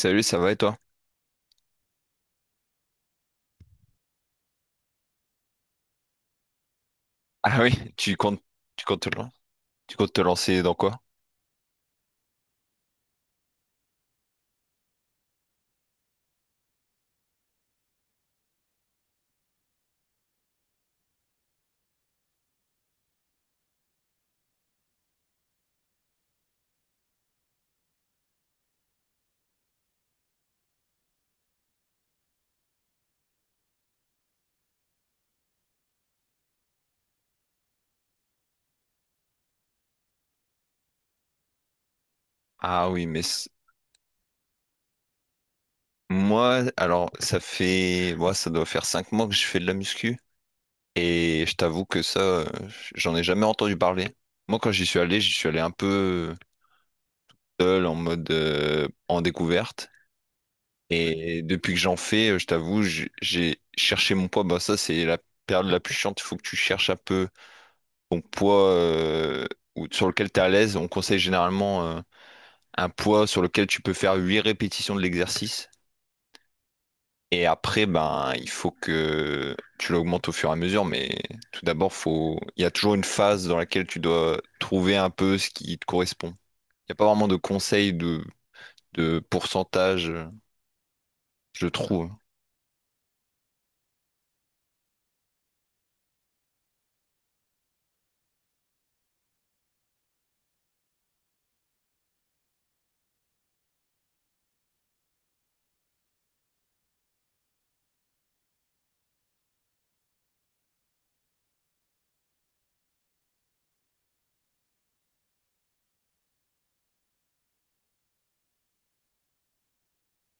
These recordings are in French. Salut, ça va et toi? Ah oui, tu comptes, tu comptes te lan- tu comptes te lancer dans quoi? Ah oui, mais c- Moi, alors ça fait, moi ça doit faire 5 mois que je fais de la muscu et je t'avoue que ça, j'en ai jamais entendu parler. Moi, quand j'y suis allé un peu seul en mode en découverte, et depuis que j'en fais, je t'avoue, j'ai cherché mon poids. Bah ça, c'est la période la plus chiante. Il faut que tu cherches un peu ton poids sur lequel tu es à l'aise. On conseille généralement. Un poids sur lequel tu peux faire 8 répétitions de l'exercice. Et après, ben, il faut que tu l'augmentes au fur et à mesure, mais tout d'abord, faut... il y a toujours une phase dans laquelle tu dois trouver un peu ce qui te correspond. Il n'y a pas vraiment de conseil de pourcentage, je trouve.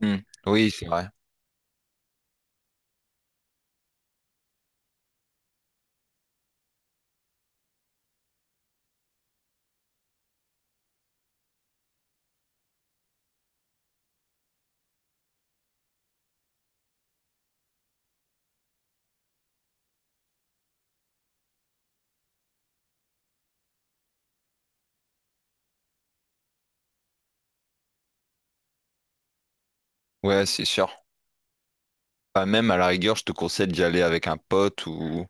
Hmm. Oui, c'est vrai. Ouais, c'est sûr. Bah, même à la rigueur, je te conseille d'y aller avec un pote ou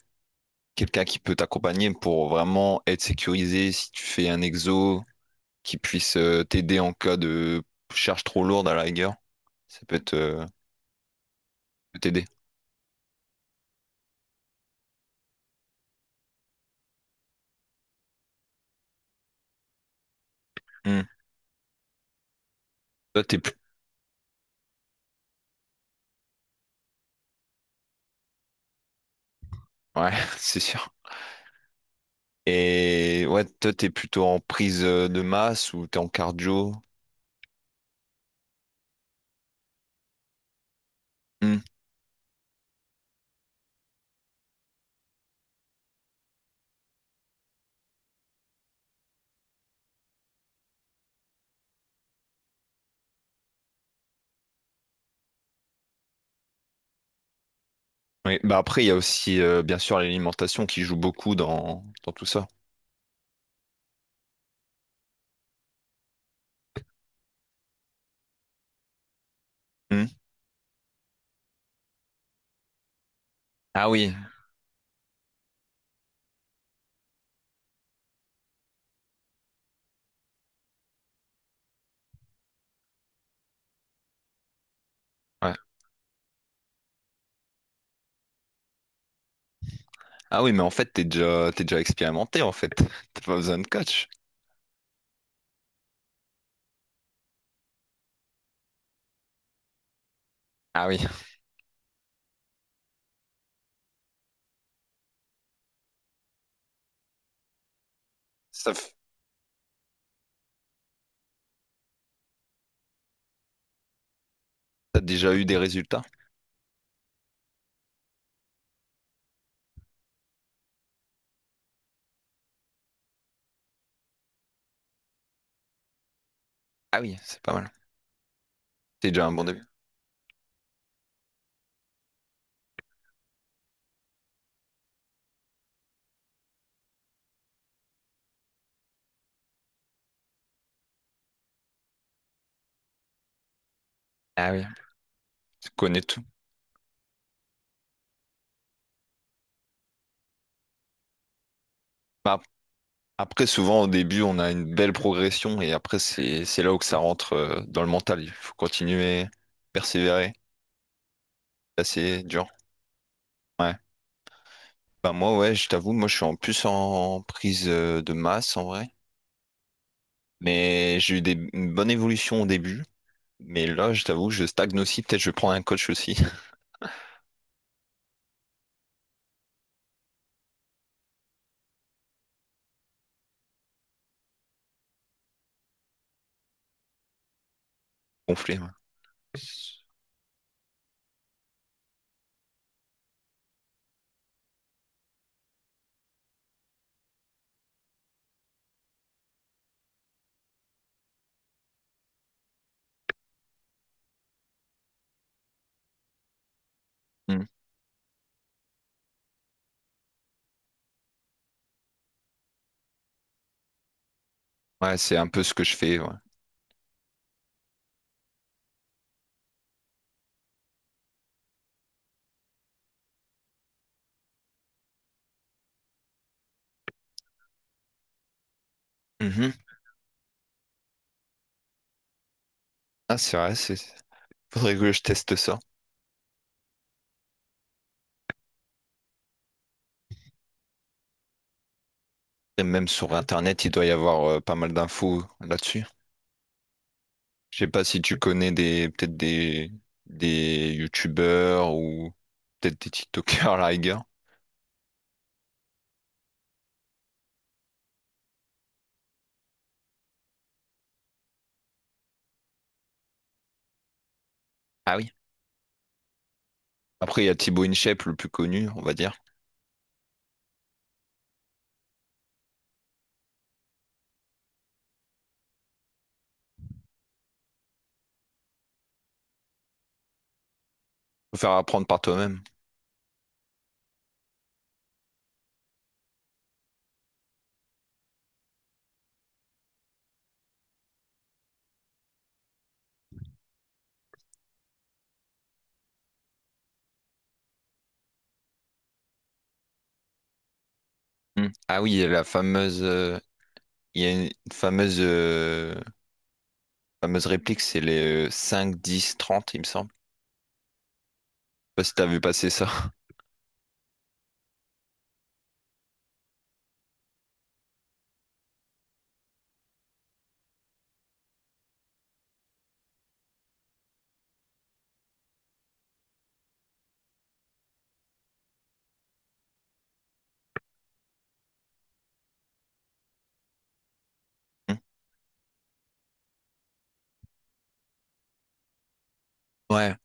quelqu'un qui peut t'accompagner pour vraiment être sécurisé si tu fais un exo, qui puisse t'aider en cas de charge trop lourde à la rigueur. Ça peut être, peut t'aider. Hmm. Toi, t'es plus... Ouais, c'est sûr. Et ouais, toi, t'es plutôt en prise de masse ou t'es en cardio? Hmm. Oui, bah après, il y a aussi, bien sûr, l'alimentation qui joue beaucoup dans, dans tout ça. Hmm. Ah oui, ouais. Ah oui, mais en fait, t'es déjà expérimenté, en fait. T'as pas besoin de coach. Ah oui. Ça, f- T'as déjà eu des résultats? Ah oui, c'est pas mal. T'es déjà un bon début. Ah oui, tu connais tout. Bah, après, souvent, au début, on a une belle progression et après, c'est là où que ça rentre dans le mental. Il faut continuer, persévérer, passer dur. Ouais. Bah, moi, ouais, je t'avoue, moi, je suis en plus en prise de masse en vrai. Mais j'ai eu des, une bonne évolution au début. Mais là, je t'avoue, je stagne aussi. Peut-être je vais prendre un coach aussi. Gonflé. Ouais. Hmm. Ouais, c'est un peu ce que je fais. Ouais. Mhm. Ah, c'est vrai, c'est... faudrait que je teste ça. Et même sur Internet, il doit y avoir pas mal d'infos là-dessus. Je sais pas si tu connais des peut-être des YouTubeurs ou peut-être des TikTokers à la rigueur. Ah oui. Après, il y a Thibaut InShape, le plus connu, on va dire. Faut faire apprendre par toi-même. Hmm. Ah oui, il y a la fameuse, il y a une fameuse, fameuse réplique, c'est les 5, 10, 30, il me semble. Je sais pas si t'as vu passer ça. Hmm. Ouais.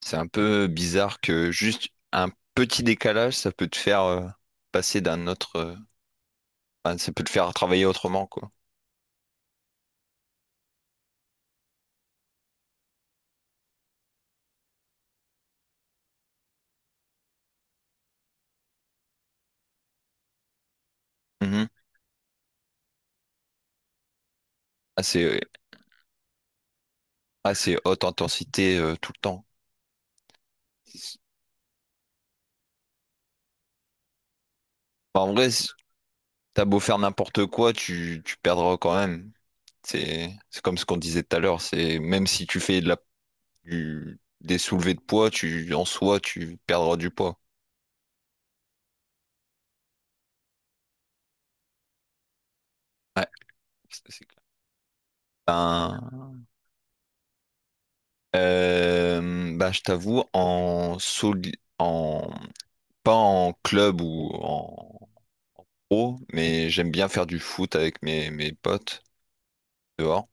C'est un peu bizarre que juste un petit décalage, ça peut te faire passer d'un autre, enfin, ça peut te faire travailler autrement, quoi. Mhm. Assez, assez haute intensité tout le temps. Enfin, en vrai, t'as beau faire n'importe quoi, tu perdras quand même. C'est comme ce qu'on disait tout à l'heure. C'est même si tu fais de la, des soulevés de poids, tu, en soi, tu perdras du poids. Ouais, ça, c'est clair. Ben, ben, je t'avoue, en pas en club ou en pro, mais j'aime bien faire du foot avec mes, mes potes dehors.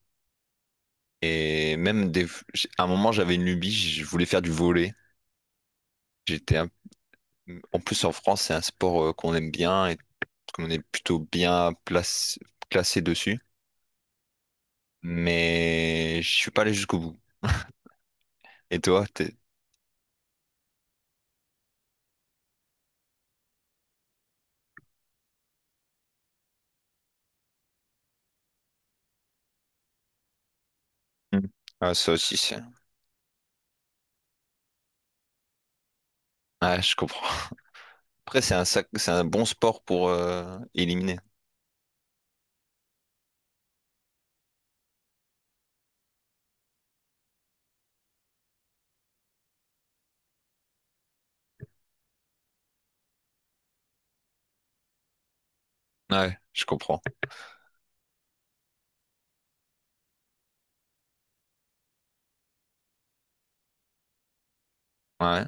Et même des... à un moment, j'avais une lubie, je voulais faire du volley. J'étais un- En plus, en France, c'est un sport qu'on aime bien et qu'on est plutôt bien place... classé dessus. Mais je suis pas allé jusqu'au bout. Et toi, t'es... Mm. Ah, ça aussi, c'est... Ouais, je comprends. Après, c'est un sac... c'est un bon sport pour éliminer. Ouais, je comprends. Ouais.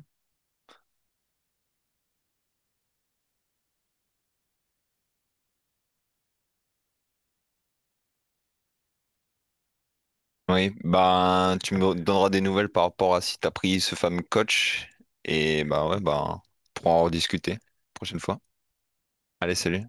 Oui, ben, tu me donneras des nouvelles par rapport à si t'as pris ce fameux coach. Et bah ouais, ben, on pourra en rediscuter prochaine fois. Allez, salut.